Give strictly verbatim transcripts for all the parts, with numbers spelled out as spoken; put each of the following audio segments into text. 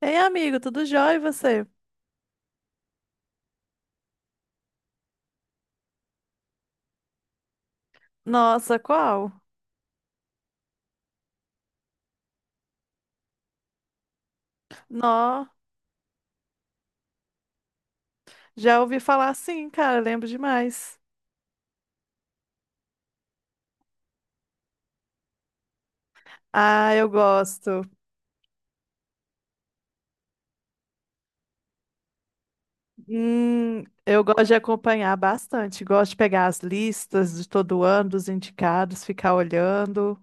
Ei, amigo, tudo jóia e você? Nossa, qual? Nó, já ouvi falar sim, cara, lembro demais. Ah, eu gosto. Hum, eu gosto de acompanhar bastante, gosto de pegar as listas de todo ano, dos indicados, ficar olhando.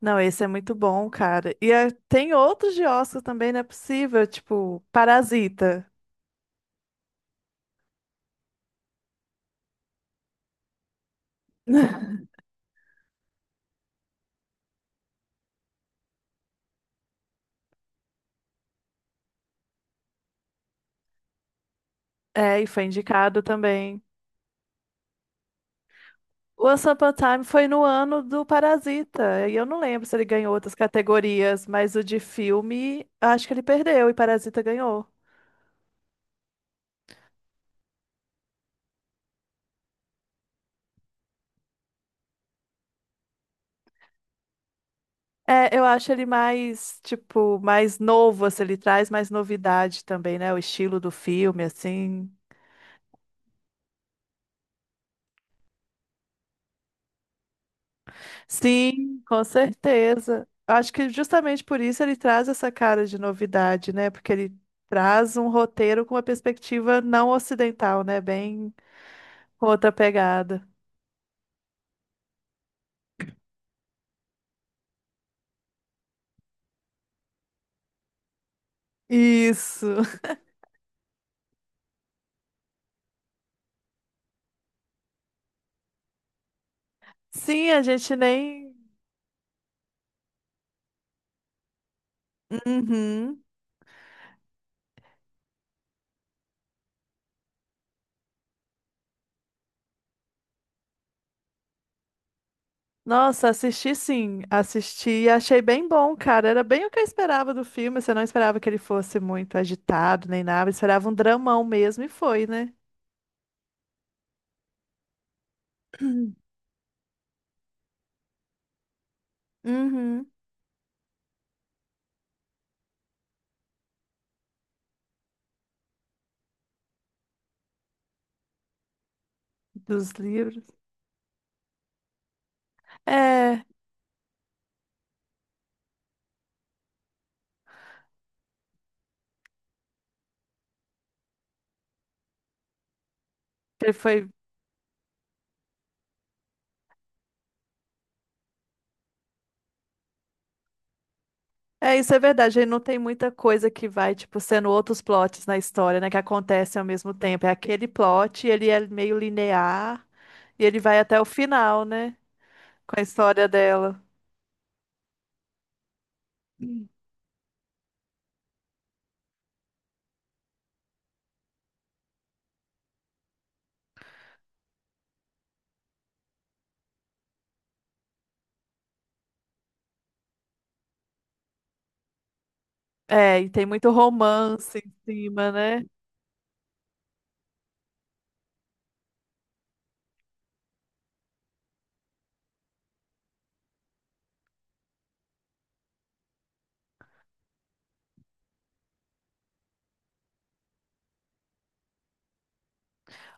Não, esse é muito bom, cara. E é- tem outros de Oscar também, não é possível, tipo Parasita. É, e foi indicado também. O Once Upon a Time foi no ano do Parasita. E eu não lembro se ele ganhou outras categorias, mas o de filme, acho que ele perdeu e Parasita ganhou. É, eu acho ele mais, tipo, mais novo, assim, ele traz mais novidade também, né? O estilo do filme, assim. Sim, com certeza. Acho que justamente por isso ele traz essa cara de novidade, né? Porque ele traz um roteiro com uma perspectiva não ocidental, né? Bem com outra pegada. Isso. Sim, a gente nem. Uhum. Nossa, assisti sim, assisti e achei bem bom, cara. Era bem o que eu esperava do filme. Você não esperava que ele fosse muito agitado nem nada, esperava um dramão mesmo e foi, né? Uhum. Dos livros. É, ele foi. É, isso é verdade. Ele não tem muita coisa que vai, tipo, sendo outros plots na história, né? Que acontecem ao mesmo tempo. É aquele plot, ele é meio linear e ele vai até o final, né? Com a história dela. É, e tem muito romance em cima, né?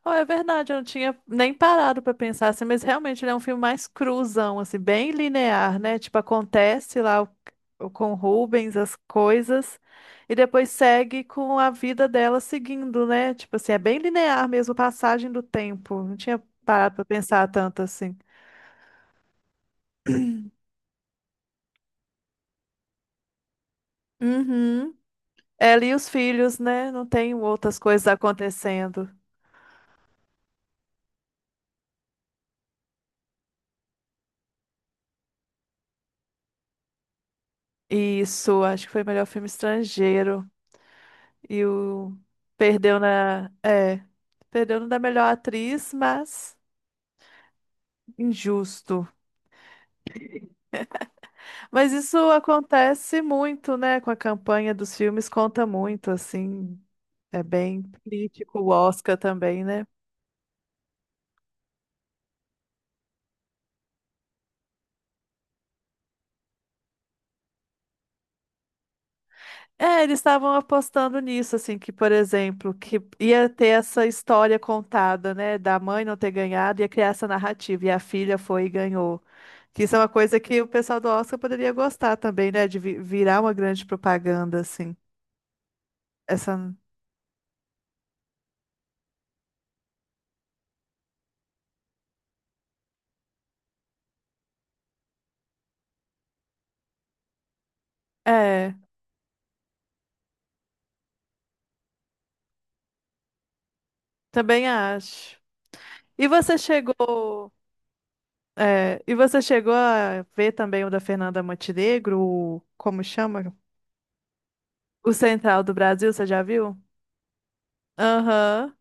Oh, é verdade, eu não tinha nem parado pra pensar assim, mas realmente ele é um filme mais cruzão, assim, bem linear, né? Tipo, acontece lá o- o- com o Rubens as coisas e depois segue com a vida dela seguindo, né? Tipo assim, é bem linear mesmo, a passagem do tempo. Não tinha parado pra pensar tanto assim. Uhum. Ela e os filhos, né? Não tem outras coisas acontecendo. Isso, acho que foi o melhor filme estrangeiro. E o... Perdeu na... É, perdeu no da melhor atriz, mas injusto. Mas isso acontece muito, né? Com a campanha dos filmes, conta muito, assim. É bem crítico o Oscar também, né? É, eles estavam apostando nisso, assim, que, por exemplo, que ia ter essa história contada, né? Da mãe não ter ganhado, ia criar essa narrativa, e a filha foi e ganhou. Que isso é uma coisa que o pessoal do Oscar poderia gostar também, né? De vi- virar uma grande propaganda, assim. Essa. É, também acho. E você chegou. É, e você chegou a ver também o da Fernanda Montenegro, o, como chama? O Central do Brasil, você já viu? Aham.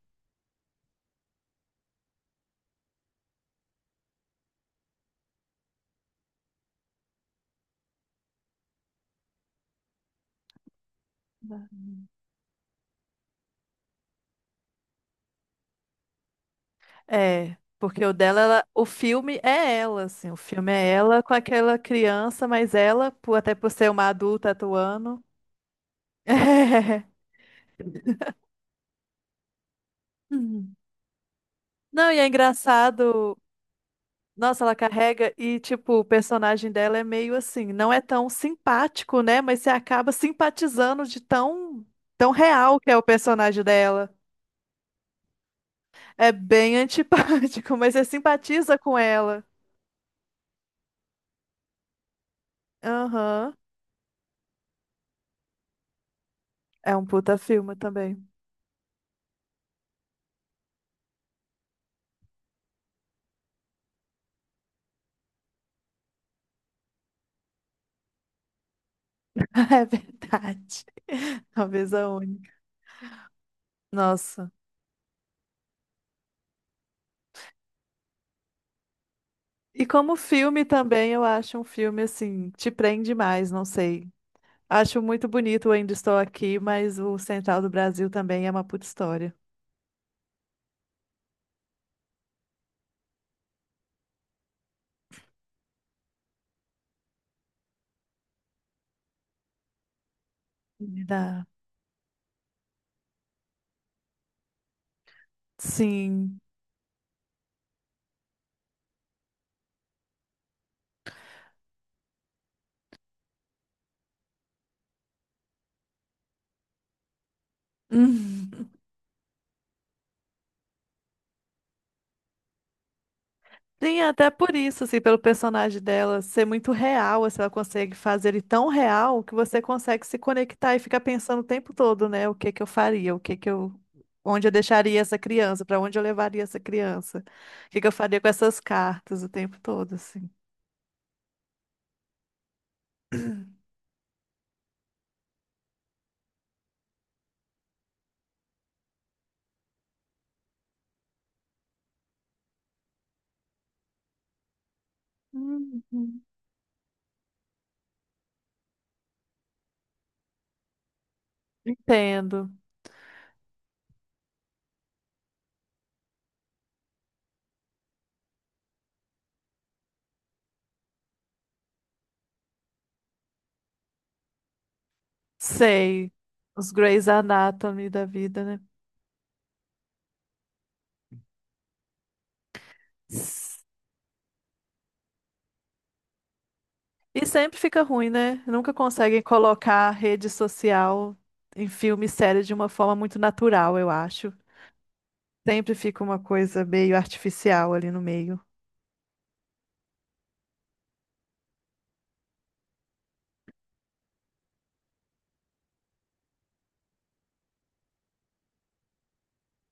É, porque o dela, ela- o filme é ela, assim, o filme é ela com aquela criança, mas ela, por- até por ser uma adulta atuando. Hum. Não, e é engraçado. Nossa, ela carrega e, tipo, o personagem dela é meio assim, não é tão simpático, né? Mas você acaba simpatizando de tão, tão real que é o personagem dela. É bem antipático, mas você simpatiza com ela. Aham. É um puta filme também. É verdade. Talvez a única. Nossa. E como filme também, eu acho um filme assim, te prende mais, não sei. Acho muito bonito o Ainda Estou Aqui, mas o Central do Brasil também é uma puta história. Dá. Sim. Uhum. Sim, até por isso, assim, pelo personagem dela ser muito real, assim, ela consegue fazer ele tão real que você consegue se conectar e ficar pensando o tempo todo, né? O que que eu faria, o que que eu, onde eu deixaria essa criança, para onde eu levaria essa criança, o que que eu faria com essas cartas o tempo todo, assim. Uhum. Entendo. Sei. Os Grey's Anatomy da vida, né? E sempre fica ruim, né? Nunca conseguem colocar a rede social em filme e série de uma forma muito natural, eu acho. Sempre fica uma coisa meio artificial ali no meio.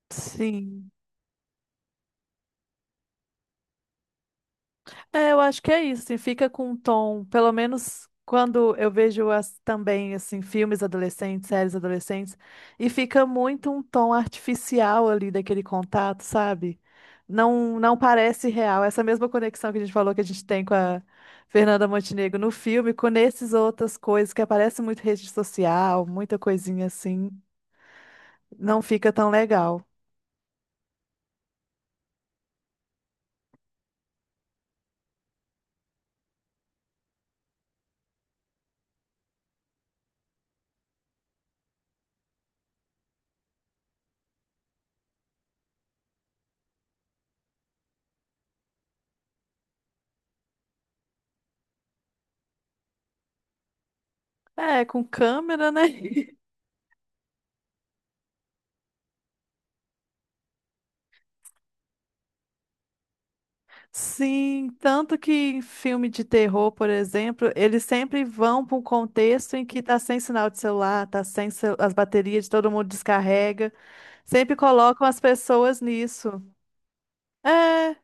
Sim. É, eu acho que é isso, assim, fica com um tom, pelo menos quando eu vejo as, também assim filmes adolescentes, séries adolescentes, e fica muito um tom artificial ali daquele contato, sabe? Não, não parece real. Essa mesma conexão que a gente falou que a gente tem com a Fernanda Montenegro no filme, com essas outras coisas que aparece muito rede social, muita coisinha assim, não fica tão legal. É, com câmera, né? Sim, tanto que em filme de terror, por exemplo, eles sempre vão para um contexto em que tá sem sinal de celular, tá sem cel- as baterias de todo mundo descarrega, sempre colocam as pessoas nisso. É,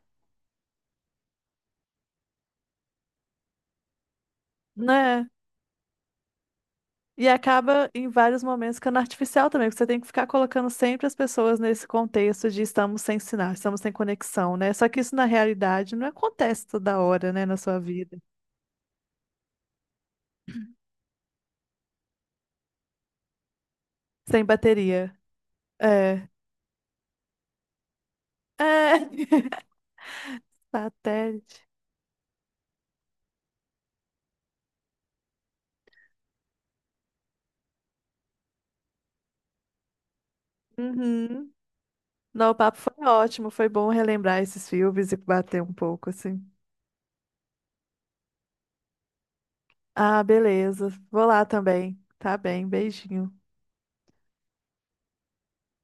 né? E acaba em vários momentos ficando artificial também, porque você tem que ficar colocando sempre as pessoas nesse contexto de estamos sem sinal, estamos sem conexão, né? Só que isso na realidade não acontece toda hora, né, na sua vida, sem bateria. É. É. Satélite. Uhum. Não, o papo foi ótimo, foi bom relembrar esses filmes e bater um pouco, assim. Ah, beleza. Vou lá também. Tá bem, beijinho.